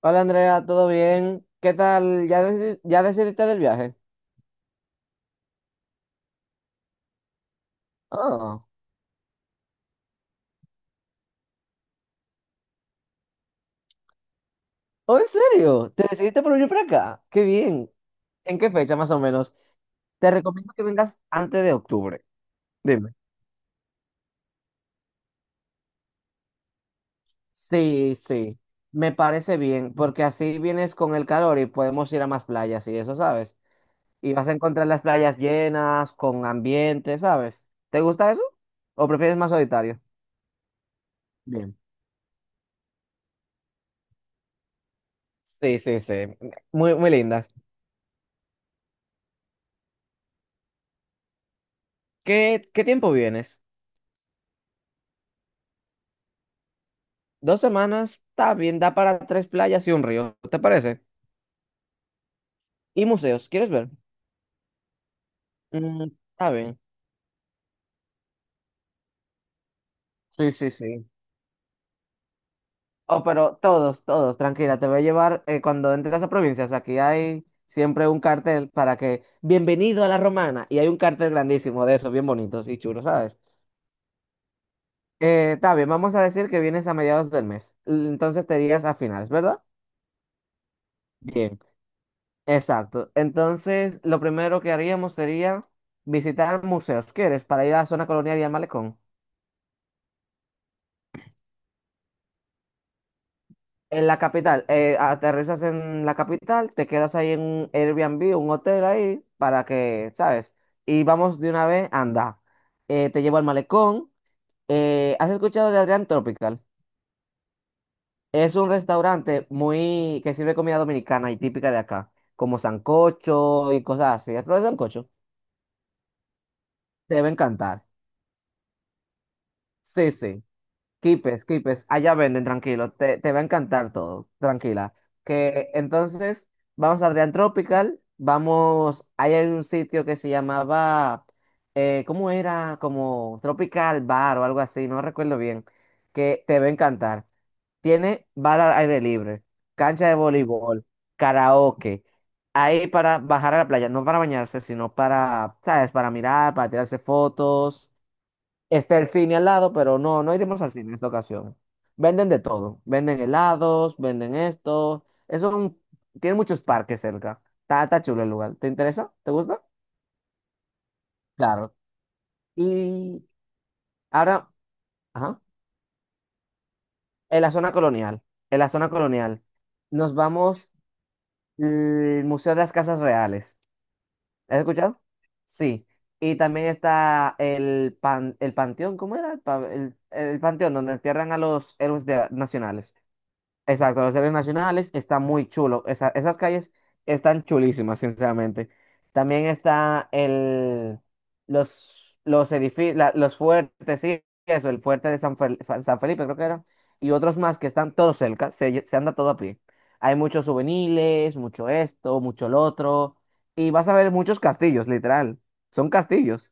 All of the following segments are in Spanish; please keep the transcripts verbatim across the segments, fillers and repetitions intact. Hola Andrea, ¿todo bien? ¿Qué tal? ¿Ya, deci- ya decidiste del viaje? Ah. Oh, ¿en serio? ¿Te decidiste por venir para acá? ¡Qué bien! ¿En qué fecha más o menos? Te recomiendo que vengas antes de octubre. Dime. Sí, sí, me parece bien, porque así vienes con el calor y podemos ir a más playas y eso, ¿sabes? Y vas a encontrar las playas llenas, con ambiente, ¿sabes? ¿Te gusta eso? ¿O prefieres más solitario? Bien. Sí, sí, sí. Muy, muy lindas. ¿Qué, qué tiempo vienes? Dos semanas, está bien, da para tres playas y un río, ¿te parece? Y museos, ¿quieres ver? Mm, está bien. Sí, sí, sí. Oh, pero todos, todos, tranquila, te voy a llevar eh, cuando entres a provincias. Aquí hay siempre un cartel para que, bienvenido a La Romana, y hay un cartel grandísimo de esos, bien bonitos y chulos, ¿sabes? Eh, está bien, vamos a decir que vienes a mediados del mes, l- entonces te irías a finales, ¿verdad? Bien, exacto. Entonces, lo primero que haríamos sería visitar museos, ¿quieres? Para ir a la zona colonial y al malecón. En la capital, eh, aterrizas en la capital, te quedas ahí en un Airbnb, un hotel ahí, para que, ¿sabes? Y vamos de una vez, anda. Eh, te llevo al malecón. Eh, ¿has escuchado de Adrián Tropical? Es un restaurante muy que sirve comida dominicana y típica de acá, como sancocho y cosas así. ¿Has probado el sancocho? Te debe encantar. Sí, sí. Quipes, Quipes, allá venden, tranquilo, te, te va a encantar todo, tranquila. Que entonces vamos a Adrián Tropical, vamos, ahí hay un sitio que se llamaba, eh, ¿cómo era? Como Tropical Bar o algo así, no recuerdo bien, que te va a encantar. Tiene bar al aire libre, cancha de voleibol, karaoke, ahí para bajar a la playa, no para bañarse, sino para, ¿sabes? Para mirar, para tirarse fotos. Está el cine al lado, pero no, no iremos al cine en esta ocasión. Venden de todo. Venden helados, venden esto. Es un… Tiene muchos parques cerca. Está, está chulo el lugar. ¿Te interesa? ¿Te gusta? Claro. Y ahora, ajá, en la zona colonial. En la zona colonial. Nos vamos al Museo de las Casas Reales. ¿Has escuchado? Sí. Y también está el, pan, el panteón, ¿cómo era? El, pa- el, el panteón donde entierran a los héroes de- nacionales. Exacto, los héroes nacionales está muy chulo. Esa- esas calles están chulísimas, sinceramente. También está el, los, los edificios, los fuertes, sí, eso, el fuerte de San, Fel- Fa- San Felipe, creo que era, y otros más que están todos cerca, se, lle- se anda todo a pie. Hay muchos juveniles, mucho esto, mucho lo otro, y vas a ver muchos castillos, literal. Son castillos.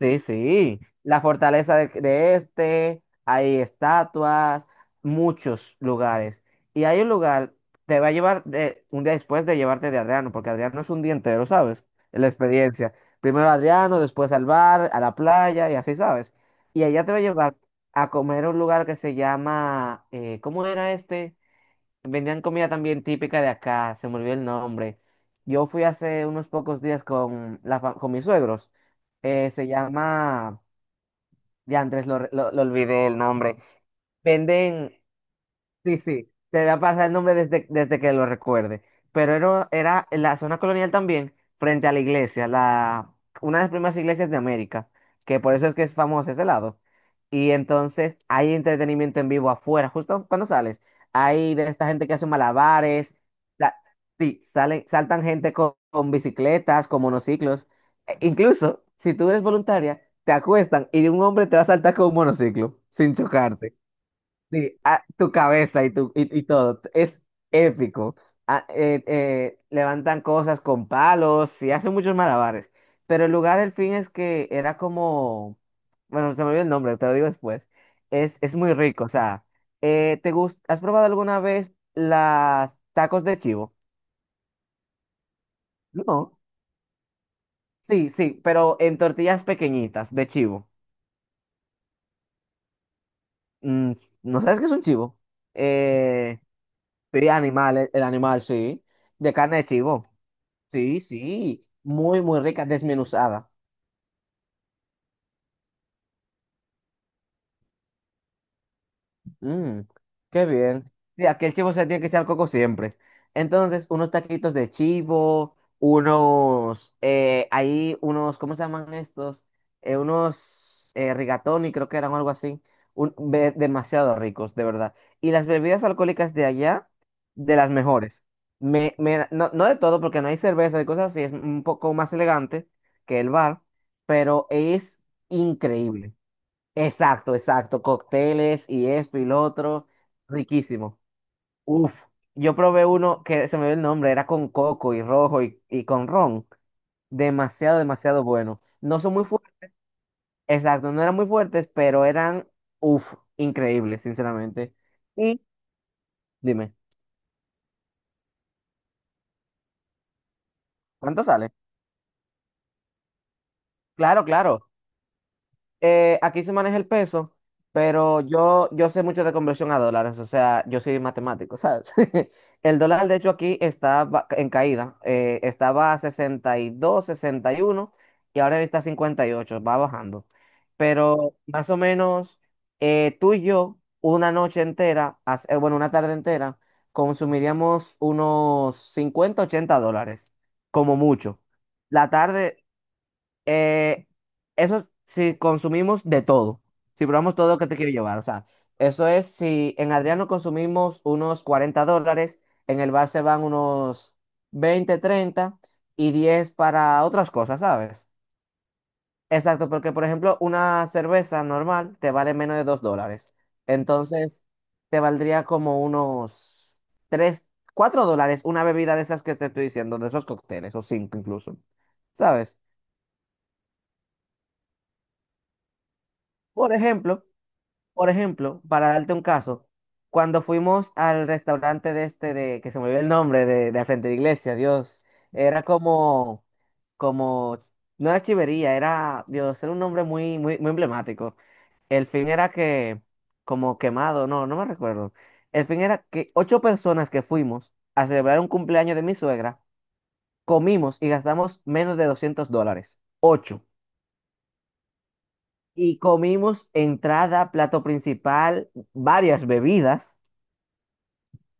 Sí, sí, la fortaleza de, de este, hay estatuas, muchos lugares. Y hay un lugar, te va a llevar de- un día después de llevarte de Adriano, porque Adriano es un día entero, ¿sabes? La experiencia. Primero Adriano, después al bar, a la playa y así, ¿sabes? Y allá te va a llevar a comer a un lugar que se llama, eh, ¿cómo era este? Vendían comida también típica de acá, se me olvidó el nombre. Yo fui hace unos pocos días con, la, fa- con mis suegros. Eh, se llama, ya antes lo, re- lo, lo olvidé el nombre. Venden. Sí, sí, te voy a pasar el nombre desde, desde que lo recuerde. Pero era, era en la zona colonial también, frente a la iglesia, la, una de las primeras iglesias de América, que por eso es que es famoso ese lado. Y entonces hay entretenimiento en vivo afuera, justo cuando sales. Hay de esta gente que hace malabares, la- sí, salen, saltan gente con, con bicicletas, con monociclos. E- incluso, si tú eres voluntaria, te acuestan y un hombre te va a saltar con un monociclo, sin chocarte. Sí, ah, tu cabeza y, tu, y, y todo. Es épico. Ah, eh, eh, levantan cosas con palos y hacen muchos malabares. Pero el lugar, el fin es que era como… Bueno, se me olvidó el nombre, te lo digo después. Es, es muy rico, o sea, eh, ¿te gust- ¿Has probado alguna vez las tacos de chivo? No. Sí, sí, pero en tortillas pequeñitas de chivo. Mm, ¿no sabes qué es un chivo? Eh, sí, animal, el el animal, sí. De carne de chivo. Sí, sí, muy, muy rica, desmenuzada. Mm, qué bien. Sí, aquí el chivo se tiene que ser al coco siempre. Entonces, unos taquitos de chivo, unos, eh, ahí, unos, ¿cómo se llaman estos? Eh, unos eh, rigatoni, creo que eran o algo así. Un- ve- demasiado ricos, de verdad. Y las bebidas alcohólicas de allá, de las mejores. Me, me- no, no de todo, porque no hay cerveza y cosas así, es un poco más elegante que el bar, pero es increíble. Exacto, exacto. Cócteles y esto y lo otro. Riquísimo. Uf. Yo probé uno que se me ve el nombre, era con coco y rojo y, y con ron. Demasiado, demasiado bueno. No son muy fuertes, exacto, no eran muy fuertes, pero eran, uf, increíbles, sinceramente. Y dime, ¿cuánto sale? Claro, claro. Eh, aquí se maneja el peso, pero yo, yo sé mucho de conversión a dólares, o sea, yo soy matemático, ¿sabes? El dólar, de hecho, aquí está ba- en caída, eh, estaba a sesenta y dos, sesenta y uno y ahora está a cincuenta y ocho, va bajando. Pero más o menos eh, tú y yo, una noche entera, as- eh, bueno, una tarde entera, consumiríamos unos cincuenta ochenta dólares, como mucho. La tarde, eh, eso si consumimos de todo, si probamos todo lo que te quiero llevar. O sea, eso es si en Adriano consumimos unos cuarenta dólares, en el bar se van unos veinte, treinta y diez para otras cosas, ¿sabes? Exacto, porque por ejemplo una cerveza normal te vale menos de dos dólares. Entonces te valdría como unos tres, cuatro dólares una bebida de esas que te estoy diciendo, de esos cócteles, o cinco incluso, ¿sabes? Por ejemplo… Por ejemplo, para darte un caso, cuando fuimos al restaurante de este, de, que se me olvidó el nombre, de, de al frente de la iglesia, Dios, era como, como, no era chivería, era, Dios, era un nombre muy, muy, muy emblemático. El fin era que, como quemado, no, no me recuerdo. El fin era que ocho personas que fuimos a celebrar un cumpleaños de mi suegra, comimos y gastamos menos de doscientos dólares. Ocho. Y comimos entrada, plato principal, varias bebidas.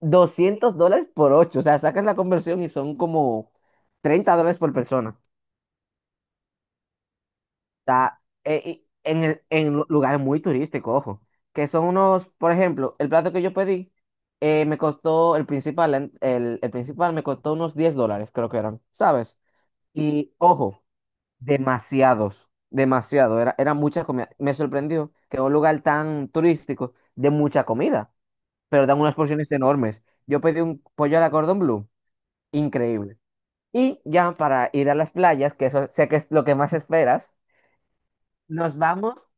Doscientos dólares por ocho, o sea, sacas la conversión y son como treinta dólares por persona. Está, eh, y en, el- en lu- lugares muy turísticos, ojo, que son unos, por ejemplo, el plato que yo pedí eh, me costó, el principal, en- el, el principal me costó unos diez dólares, creo que eran, ¿sabes? Y ojo, demasiados, demasiado, era, era mucha comida. Me sorprendió que en un lugar tan turístico de mucha comida, pero dan unas porciones enormes. Yo pedí un pollo a la cordon bleu, increíble. Y ya para ir a las playas, que eso sé que es lo que más esperas, nos vamos,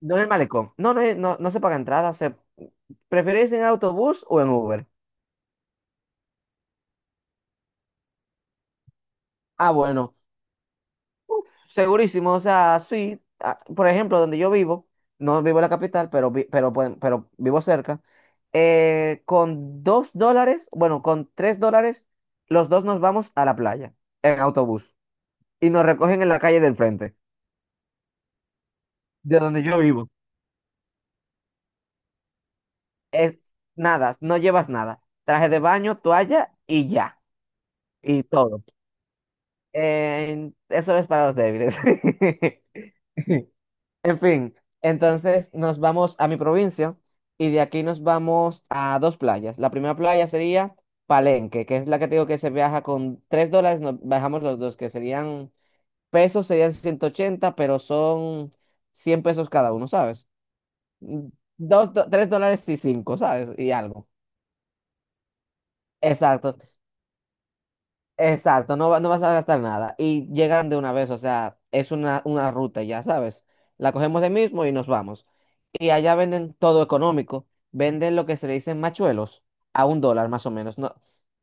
no en el malecón. No, no, no, no se paga entrada, se… ¿Preferís en autobús o en Uber? Ah, bueno, segurísimo, o sea, sí, ah, por ejemplo, donde yo vivo, no vivo en la capital, pero, vi- pero, pueden- pero vivo cerca, eh, con dos dólares, bueno, con tres dólares, los dos nos vamos a la playa, en autobús, y nos recogen en la calle del frente, de donde yo vivo. Es nada, no llevas nada. Traje de baño, toalla y ya. Y todo. En- eso es para los débiles. En fin, entonces nos vamos a mi provincia y de aquí nos vamos a dos playas. La primera playa sería Palenque, que es la que te digo que se viaja con tres dólares, nos bajamos los dos, que serían pesos, serían ciento ochenta pero son cien pesos cada uno, ¿sabes? Mm. Dos, do- tres dólares y cinco, ¿sabes? Y algo. Exacto. Exacto, no, va- no vas a gastar nada. Y llegan de una vez, o sea, es una, una ruta, ya sabes. La cogemos de mismo y nos vamos. Y allá venden todo económico. Venden lo que se le dicen machuelos a un dólar más o menos. No,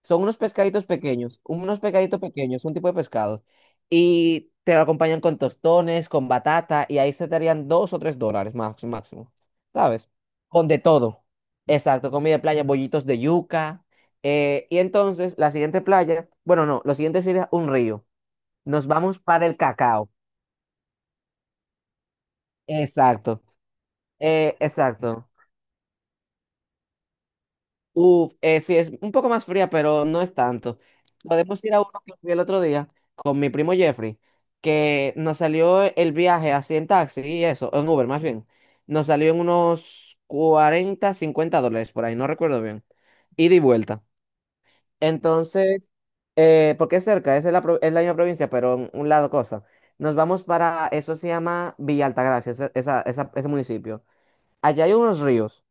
son unos pescaditos pequeños, unos pescaditos pequeños, un tipo de pescado. Y te lo acompañan con tostones, con batata, y ahí se te harían dos o tres dólares máximo, máximo. ¿Sabes? Con de todo. Exacto, comida de playa, bollitos de yuca. Eh, y entonces, la siguiente playa, bueno, no, lo siguiente sería un río. Nos vamos para el cacao. Exacto, eh, exacto. Uf, eh, sí, es un poco más fría, pero no es tanto. Podemos ir a uno que fui el otro día con mi primo Jeffrey, que nos salió el viaje así en taxi y eso, en Uber más bien. Nos salió en unos cuarenta, cincuenta dólares por ahí, no recuerdo bien. Ida y vuelta. Entonces, eh, porque es cerca, es en la, pro- es la misma provincia, pero en un lado cosa. Nos vamos para, eso se llama Villa Altagracia, ese, esa- esa- ese municipio. Allá hay unos ríos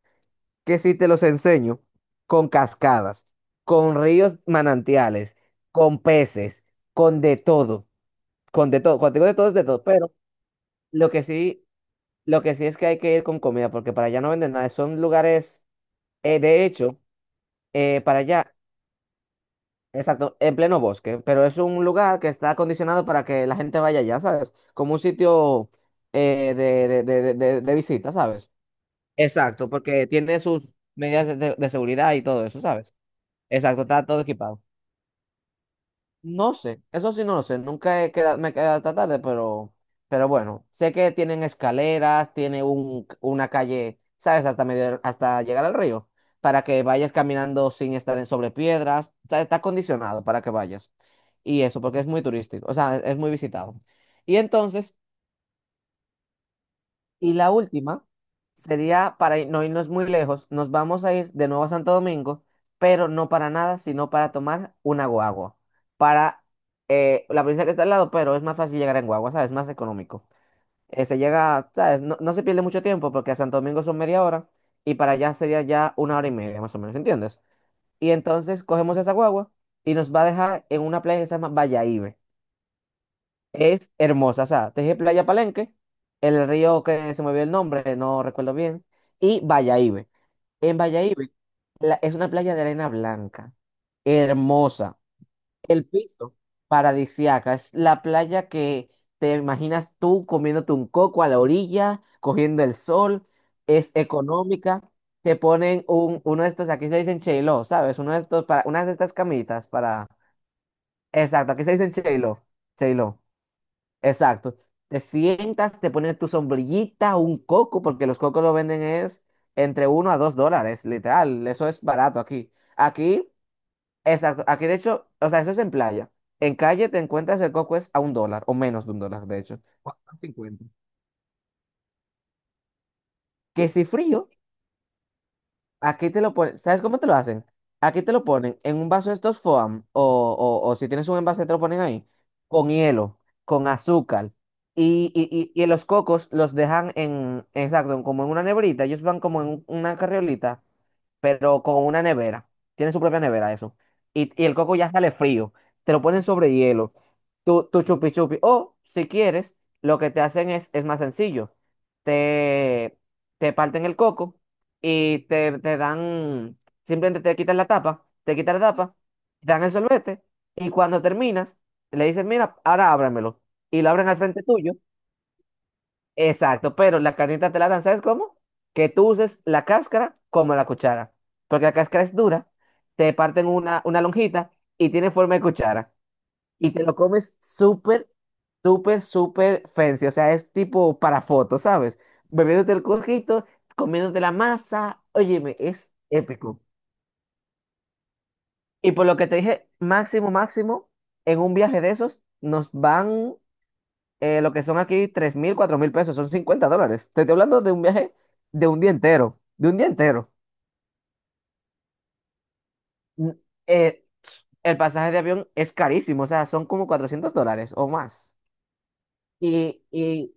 que si te los enseño, con cascadas, con ríos manantiales, con peces, con de todo, con de todo, cuando digo de todo es de todo. Pero lo que sí, lo que sí es que hay que ir con comida, porque para allá no venden nada, son lugares. eh, de hecho, eh, para allá, exacto, en pleno bosque, pero es un lugar que está acondicionado para que la gente vaya allá, ¿sabes? Como un sitio eh, de, de, de, de, de de visita, ¿sabes? Exacto, porque tiene sus medidas de de- de seguridad y todo eso, ¿sabes? Exacto, está todo equipado. No sé, eso sí no lo sé, nunca he queda- me he quedado hasta tarde, pero, pero bueno, sé que tienen escaleras, tiene un, una calle, ¿sabes? Hasta medio, hasta llegar al río, para que vayas caminando sin estar en sobre piedras, está, está acondicionado para que vayas. Y eso, porque es muy turístico, o sea, es muy visitado. Y entonces, Y la última sería, para ir- no irnos muy lejos, nos vamos a ir de nuevo a Santo Domingo, pero no para nada, sino para tomar una guagua. Para eh, la provincia que está al lado, pero es más fácil llegar en guagua, ¿sabes? Es más económico. Eh, se llega, ¿sabes? No, no se pierde mucho tiempo porque a Santo Domingo son media hora y para allá sería ya una hora y media, más o menos, ¿entiendes? Y entonces cogemos esa guagua y nos va a dejar en una playa que se llama Bayahibe. Es hermosa, o sea, te dije Playa Palenque, el río que se me vio el nombre, no recuerdo bien, y Bayahibe. En Bayahibe la- es una playa de arena blanca, hermosa, el piso paradisiaca, es la playa que te imaginas tú comiéndote un coco a la orilla, cogiendo el sol, es económica, te ponen un, uno de estos, aquí se dicen cheiló, ¿sabes? Uno de estos, para, una de estas camitas para, exacto, aquí se dicen cheiló, cheiló. Exacto. Te sientas, te pones tu sombrillita, un coco, porque los cocos lo venden es entre uno a dos dólares, literal. Eso es barato aquí. Aquí, exacto. Aquí, de hecho, o sea, eso es en playa. En calle te encuentras el coco es a un dólar o menos de un dólar, de hecho. ¿Cuánto? cincuenta. Que si frío. Aquí te lo ponen, ¿sabes cómo te lo hacen? Aquí te lo ponen en un vaso de estos foam o, o, o si tienes un envase te lo ponen ahí con hielo, con azúcar y, y, y, y los cocos los dejan en, exacto, en- como en una nebrita, ellos van como en un- una carriolita pero con una nevera. Tiene su propia nevera eso. Y, y el coco ya sale frío. Te lo ponen sobre hielo. Tu, tu chupi chupi. O si quieres, lo que te hacen es, es más sencillo. Te, te parten el coco y te, te dan, simplemente te quitan la tapa, te quitan la tapa, te dan el sorbete y cuando terminas, le dices, mira, ahora ábramelo. Y lo abren al frente tuyo. Exacto, pero la carnita te la dan, ¿sabes cómo? Que tú uses la cáscara como la cuchara, porque la cáscara es dura, te parten una, una lonjita y tiene forma de cuchara, y te lo comes súper, súper, súper fancy, o sea, es tipo para fotos, ¿sabes? Bebiéndote el cojito, comiéndote la masa, óyeme, es épico. Y por lo que te dije, máximo, máximo, en un viaje de esos nos van eh, lo que son aquí tres mil, cuatro mil pesos, son cincuenta dólares. Te estoy hablando de un viaje de un día entero, de un día entero. Mm, eh, el pasaje de avión es carísimo, o sea, son como cuatrocientos dólares o más. Y, y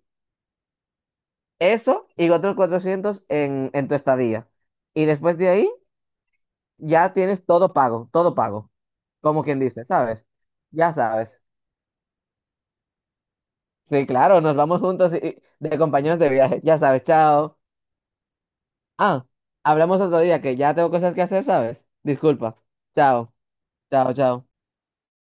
eso y otros cuatrocientos en, en tu estadía. Y después de ahí ya tienes todo pago, todo pago, como quien dice, ¿sabes? Ya sabes. Sí, claro, nos vamos juntos y- y de compañeros de viaje, ya sabes, chao. Ah, hablamos otro día que ya tengo cosas que hacer, ¿sabes? Disculpa. Chao, chao, chao.